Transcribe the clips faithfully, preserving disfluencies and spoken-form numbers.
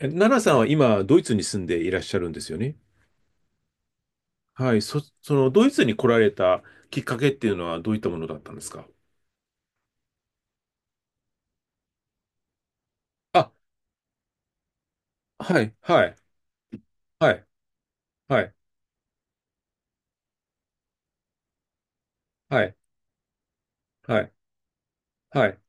え奈々さんは今、ドイツに住んでいらっしゃるんですよね。はい。そ、その、ドイツに来られたきっかけっていうのはどういったものだったんですか？あ、はい、はい、はい、はい、はい、はい、はい、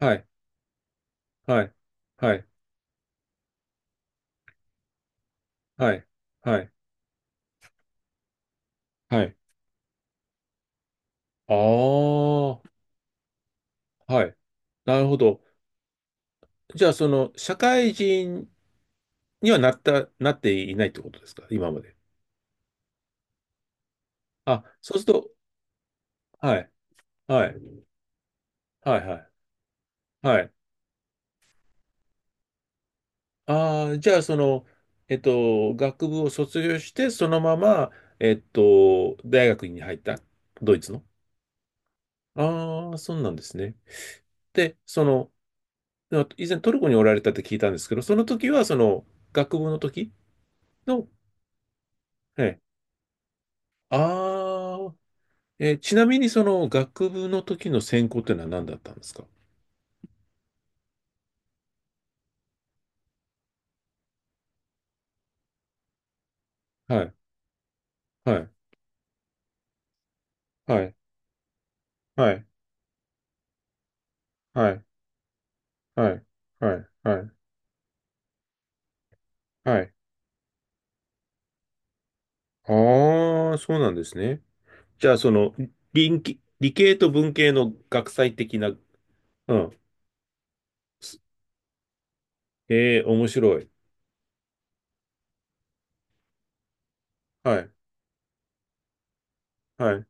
はい、はい、はい、はい、はい、はい、はい。ああ、はい。なるほど。じゃあ、その、社会人にはなった、なっていないってことですか今まで。あ、そうすると、はい、はい、はい、はい、はい。ああ、じゃあ、その、えっと、学部を卒業して、そのまま、えっと、大学に入った、ドイツの。ああ、そうなんですね。で、その、あ、以前トルコにおられたって聞いたんですけど、その時は、その、学部の時の、ええ、ああ、えーちなみに、その、学部の時の専攻ってのは何だったんですか？はい、はい、はい、はい、はい、はい、はい、はい、はい。ああ、そうなんですね。じゃあ、その、理系、理系と文系の学際的な、うん。ええ、面白い。はい。はい。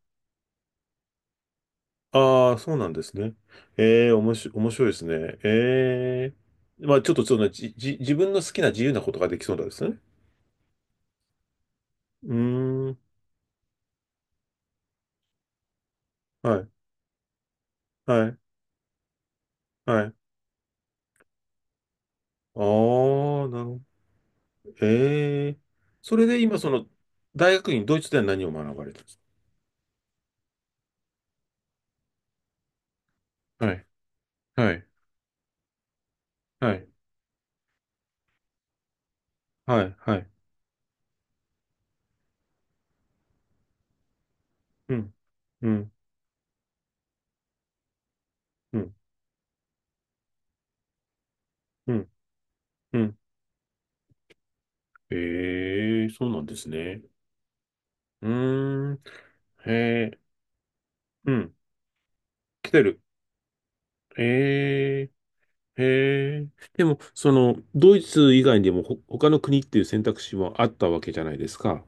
ああ、そうなんですね。ええ、おもし、面白いですね。ええ。まあ、ちょっとその、じ、じ、自分の好きな自由なことができそうなんですね。うーん。はい。はい。はい。ああ、なるほど。ええ。それで今、その、大学院、ドイツでは何を学ばれたんですか？はい。はい。はい。はい。はい。うん。うん。うん。うん。うん。ええ、そうなんですね。うーん。へえ、うん。来てる。ええ、へえ。でも、その、ドイツ以外にもほ他の国っていう選択肢もあったわけじゃないですか。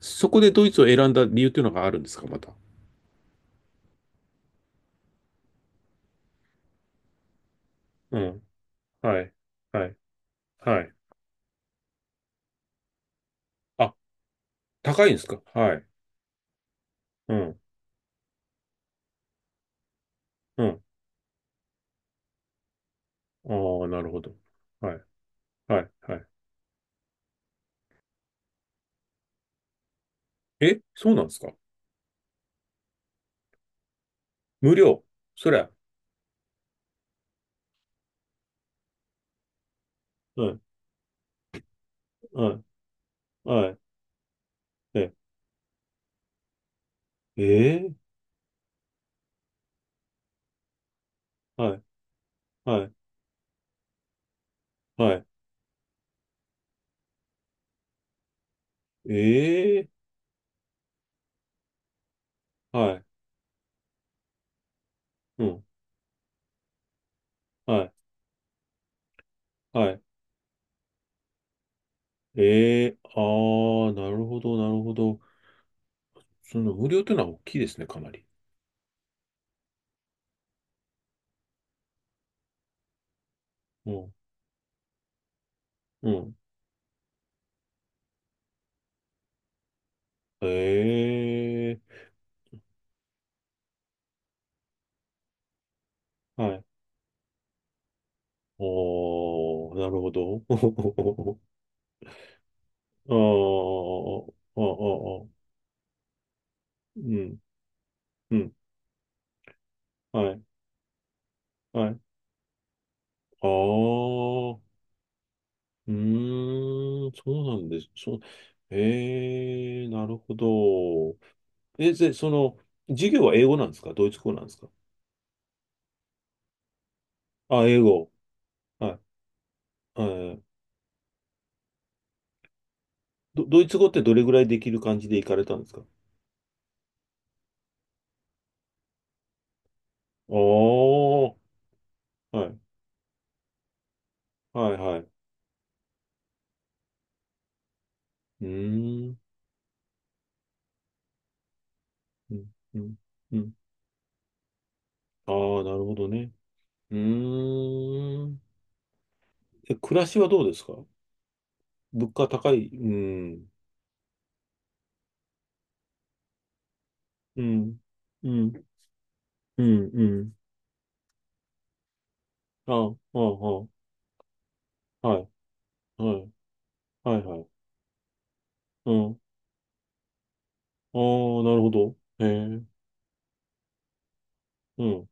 そこでドイツを選んだ理由っていうのがあるんですか、また。うん。はい。はい。はい。あ、高いんですか？はい。うん。うん。ああ、なるほど。はい。はい。はい。え、そうなんですか？無料。そりゃ。はい。はい。はい。ええ、ーはい。はい。はい。ええ、はい。うん。はい。はい。ええ、ああ、ー、なるほど、なるほど。その無料というのは大きいですね、かなり。うん。うん。ええ、はい。おー、なるほど。あーあ、ああ、ああ、うん、うん。はい、はい。ああ、うーん、そうなんです。そう、ええ、なるほど。え、で、その、授業は英語なんですか、ドイツ語なんですか？あ、英語。はい。えー、ど、ドイツ語ってどれぐらいできる感じで行かれたんですか？おー。はい。はい、はい。うーん。うん、うん、うん。ああ、なるほどね。うーん。え、暮らしはどうですか？物価高い。うん。うん。うん。うん。うん。ああ、ああ、ああ、はい。はい。はい、はい。うん。ああ、なるほど。へえ。うん。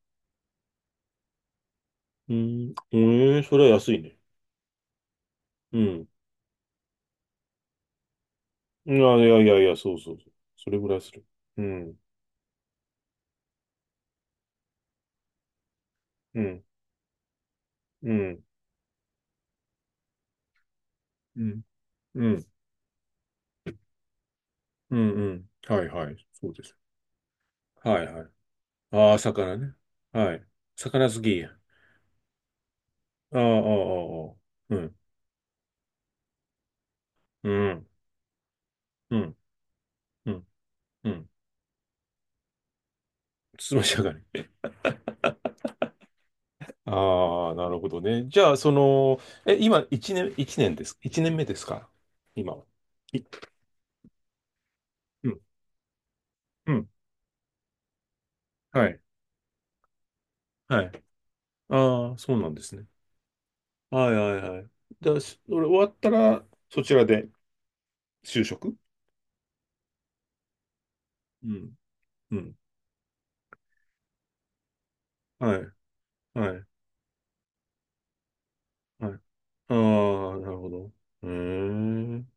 うん。ええ、それは安いね。うん。いやいやいやいや、そうそうそう。それぐらいする。うん、うん、うん、うん、うん、うん、うん。はいはい。そうです。はいはい。ああ、魚ね。はい。魚好き。ああ、ああ、ああ。うん、うん、うん、うん、うん。つまし上がり。ああ、なるほどね。じゃあ、その、え、今、一年、一年です。いちねんめですか、今は。い、うん、うん。はい、はい。ああ、そうなんですね。はいはいはい。だ、それ終わったら、そちらで。就職。うん。うん。はい、はい、はい。ああ、なるほど。うーん。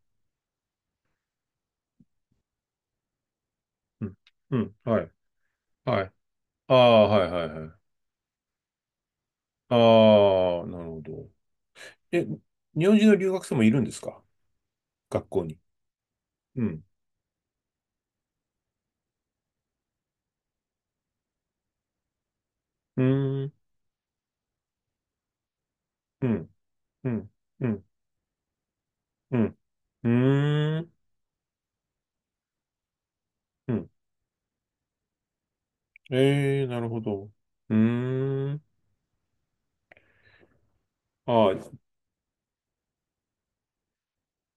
うん、うん、はい、はい。ああ、はい、はい、はい。ああ、なるほど。え、日本人の留学生もいるんですか、学校に。うん。うーん、うん、うん、うん、うん、うーん、うん。ええ、なるほど。うーん。ああ、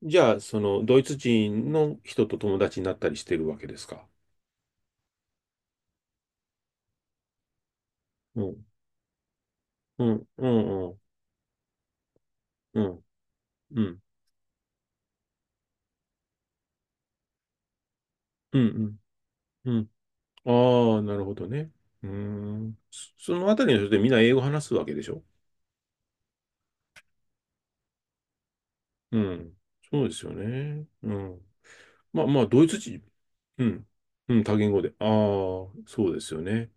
じゃあ、その、ドイツ人の人と友達になったりしてるわけですか？うん、うん、うん、うん、うん、うん。うんうん。うん。ああ、なるほどね。うーん。そ、そのあたりの人ってみんな英語話すわけでしょ？うん。そうですよね。うん。まあまあ、ドイツ人。うん。うん、多言語で。ああ、そうですよね。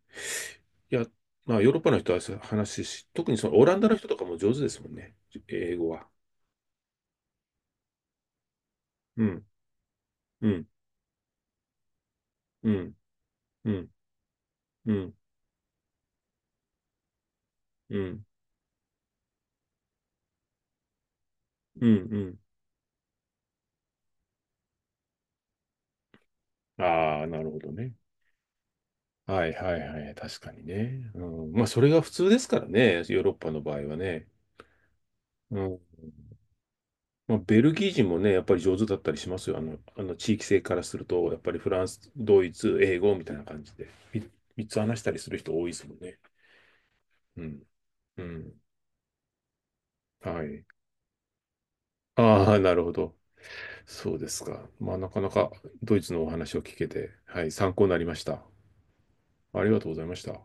いや、まあ、ヨーロッパの人はさ、話し、特にそのオランダの人とかも上手ですもんね。英語は。うん。うん。うん。うん。うん。うん。うん。うん。ああ、なるほどね。はいはいはい。確かにね。うん、まあ、それが普通ですからね、ヨーロッパの場合はね。うん。まあ、ベルギー人もね、やっぱり上手だったりしますよ。あの、あの地域性からすると、やっぱりフランス、ドイツ、英語みたいな感じで、みみっつ話したりする人多いですもんね。うん。うん。はい。ああ、なるほど。そうですか。まあ、なかなかドイツのお話を聞けて、はい、参考になりました。ありがとうございました。